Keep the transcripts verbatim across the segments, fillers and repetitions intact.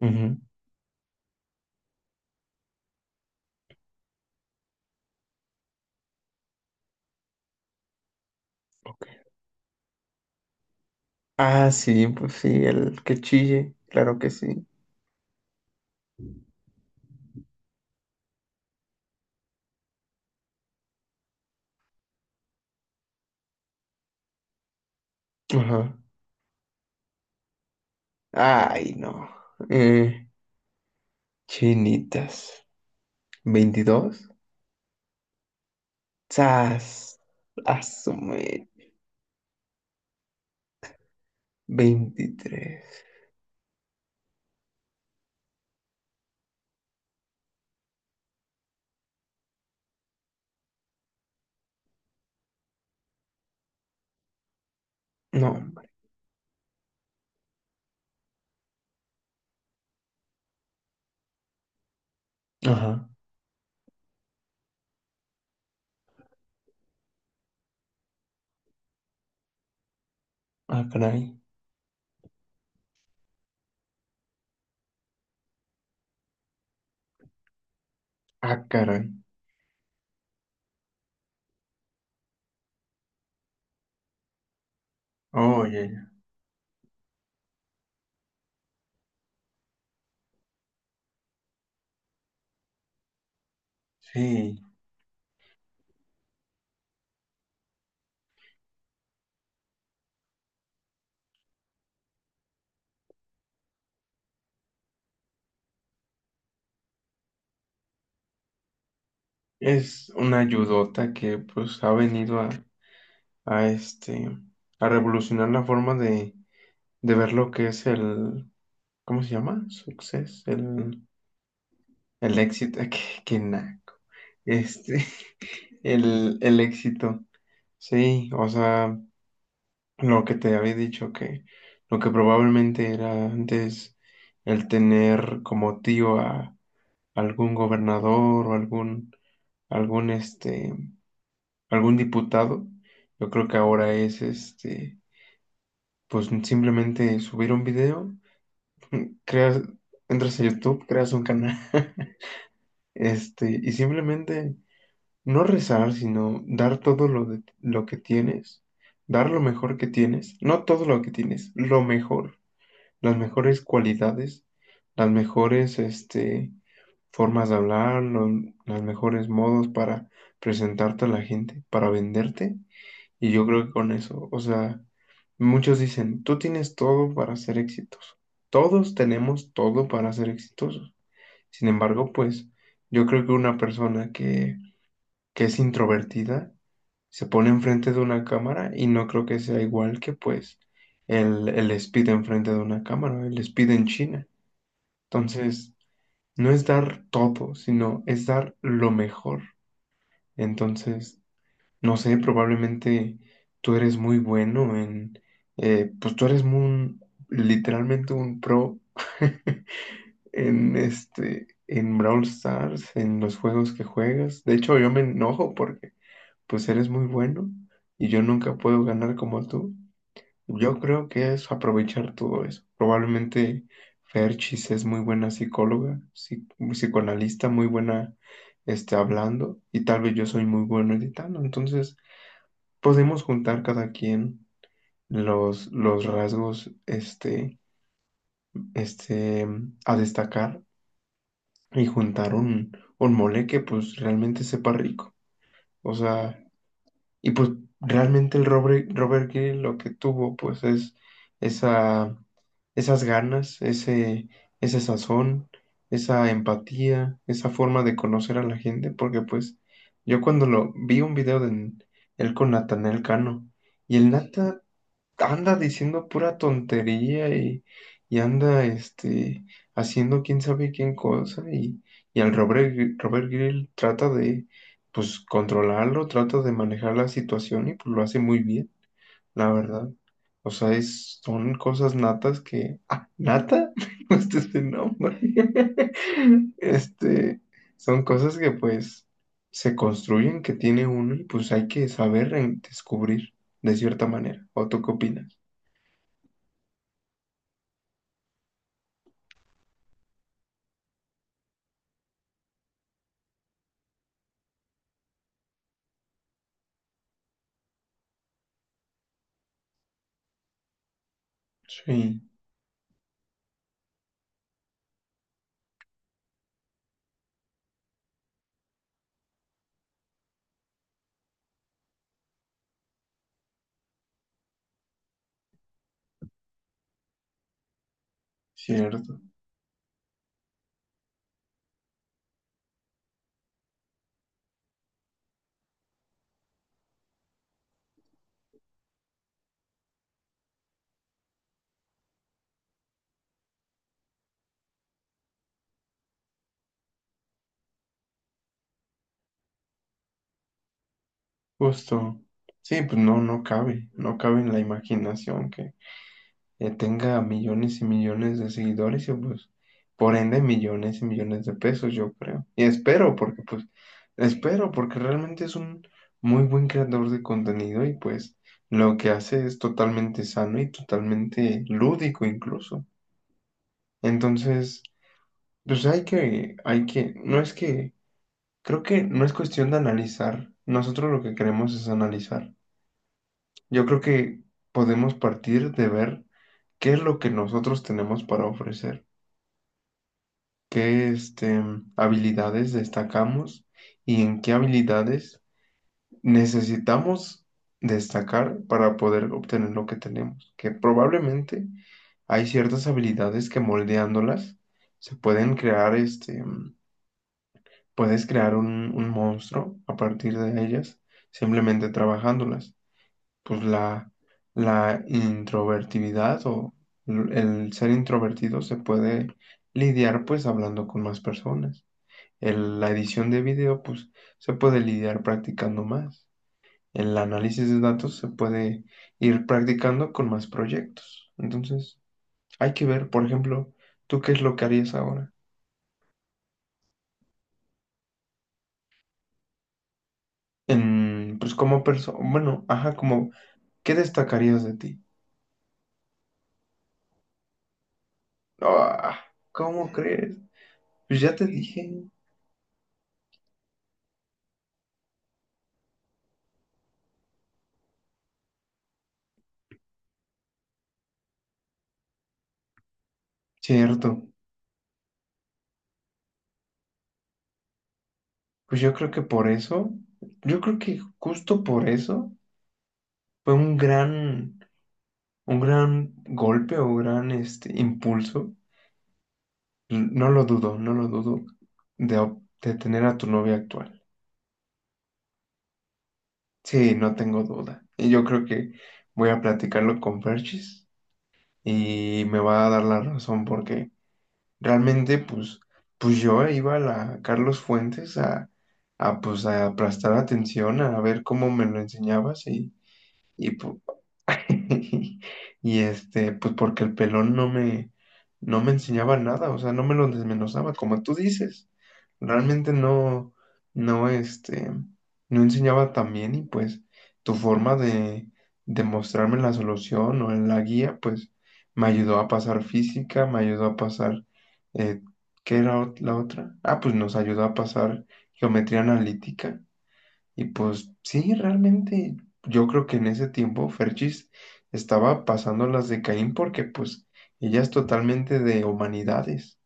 Ujú. Ok. Ah, sí, pues sí, el que chille, claro que sí. Ajá. Ay, no. Eh, chinitas. veintidós ¡Sas! Asume. veintitrés No. hombre. Ajá. Ah, caray. Ah, caray. Oye, sí. Es una ayudota que pues ha venido a, a este, a revolucionar la forma de, de ver lo que es el, ¿cómo se llama? Success, el... El éxito, qué, qué naco. Este, el, el éxito. Sí, o sea, lo que te había dicho que lo que probablemente era antes el tener como tío a algún gobernador o algún, algún este, algún diputado, yo creo que ahora es este, pues simplemente subir un video, creas, entras a YouTube, creas un canal, este, y simplemente no rezar, sino dar todo lo, de- lo que tienes, dar lo mejor que tienes, no todo lo que tienes, lo mejor, las mejores cualidades, las mejores este, formas de hablar, lo- los mejores modos para presentarte a la gente, para venderte. Y yo creo que con eso, o sea, muchos dicen, tú tienes todo para ser exitoso. Todos tenemos todo para ser exitosos. Sin embargo, pues yo creo que una persona que, que es introvertida, se pone enfrente de una cámara y no creo que sea igual que pues el, el speed enfrente de una cámara, el speed en China. Entonces, no es dar todo, sino es dar lo mejor. Entonces, no sé, probablemente tú eres muy bueno en, eh, pues tú eres un, literalmente un pro en este, en Brawl Stars, en los juegos que juegas. De hecho, yo me enojo porque pues eres muy bueno y yo nunca puedo ganar como tú. Yo creo que es aprovechar todo eso. Probablemente Ferchis es muy buena psicóloga, psi- psicoanalista, muy buena este, hablando y tal vez yo soy muy bueno editando. Entonces podemos juntar cada quien los, los rasgos este, este, a destacar y juntar un, un mole que pues realmente sepa rico. O sea, y pues realmente el Robert, Robert Greene lo que tuvo pues es esa, esas ganas, ese, ese sazón, esa empatía, esa forma de conocer a la gente, porque pues yo cuando lo vi un video de él con Natanael Cano y el Nata anda diciendo pura tontería y, y anda este, haciendo quién sabe quién cosa y, y al Robert, Gri- Robert Grill trata de pues controlarlo, trata de manejar la situación y pues lo hace muy bien, la verdad. O sea, es, son cosas natas que... Ah, ¿nata? Me gusta ese nombre. Este, son cosas que pues se construyen, que tiene uno y pues hay que saber en- descubrir de cierta manera. ¿O tú qué opinas? Sí, cierto, justo. Sí, pues no, no cabe, no cabe en la imaginación que eh, tenga millones y millones de seguidores y pues por ende millones y millones de pesos, yo creo. Y espero, porque pues, espero, porque realmente es un muy buen creador de contenido y pues lo que hace es totalmente sano y totalmente lúdico incluso. Entonces, pues hay que, hay que, no es que Creo que no es cuestión de analizar. Nosotros lo que queremos es analizar. Yo creo que podemos partir de ver qué es lo que nosotros tenemos para ofrecer, qué este, habilidades destacamos y en qué habilidades necesitamos destacar para poder obtener lo que tenemos. Que probablemente hay ciertas habilidades que moldeándolas se pueden crear este, puedes crear un, un monstruo a partir de ellas, simplemente trabajándolas. Pues la, la introvertibilidad o l- el ser introvertido se puede lidiar pues hablando con más personas. El- la edición de video pues se puede lidiar practicando más. El análisis de datos se puede ir practicando con más proyectos. Entonces hay que ver, por ejemplo, tú qué es lo que harías ahora. En, pues como persona, bueno, ajá, como ¿qué destacarías de ti? Ah, ¿cómo crees? Pues ya te dije, cierto. Pues yo creo que por eso, yo creo que justo por eso fue un gran, un gran golpe o gran este impulso. No lo dudo, no lo dudo de, de, tener a tu novia actual. Sí, no tengo duda. Y yo creo que voy a platicarlo con Perchis y me va a dar la razón porque realmente, pues, pues yo iba a la Carlos Fuentes a, a, pues, a prestar atención, a ver cómo me lo enseñabas y y, pu- y este, pues porque el pelón no me, no me enseñaba nada, o sea, no me lo desmenuzaba, como tú dices. Realmente no, no, este, no enseñaba tan bien y pues tu forma de, de mostrarme la solución o en la guía, pues me ayudó a pasar física, me ayudó a pasar, eh, ¿qué era ot- la otra? Ah, pues nos ayudó a pasar geometría analítica y pues sí, realmente yo creo que en ese tiempo Ferchis estaba pasando las de Caín porque pues ella es totalmente de humanidades.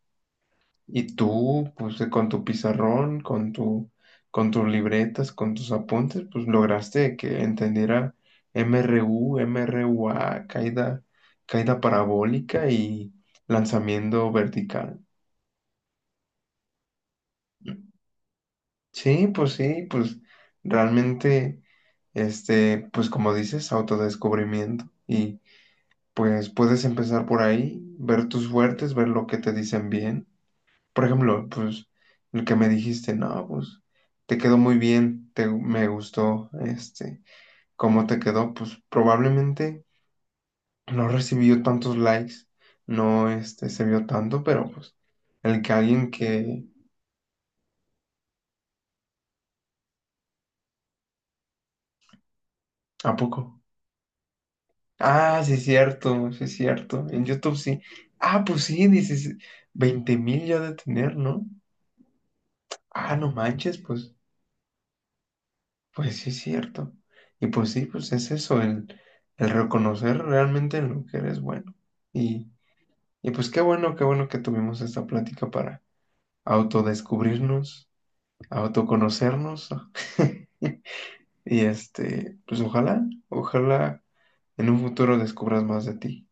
Y tú, pues eh, con tu pizarrón, con tu, con tus libretas, con tus apuntes, pues lograste que entendiera M R U, M R U A, caída, caída parabólica y lanzamiento vertical. Sí, pues sí, pues realmente, este, pues como dices, autodescubrimiento. Y pues puedes empezar por ahí, ver tus fuertes, ver lo que te dicen bien. Por ejemplo, pues el que me dijiste, no, pues te quedó muy bien, te, me gustó, este, cómo te quedó, pues probablemente no recibió tantos likes, no, este, se vio tanto, pero pues el que alguien que, ¿a poco? Ah, sí es cierto, sí es cierto. En YouTube sí. Ah, pues sí, dices, veinte mil ya de tener, ¿no? Ah, no manches, pues, pues, sí es cierto. Y pues sí, pues es eso, el, el reconocer realmente en lo que eres bueno. Y, y pues qué bueno, qué bueno que tuvimos esta plática para autodescubrirnos, autoconocernos. Y este, pues ojalá, ojalá en un futuro descubras más de ti.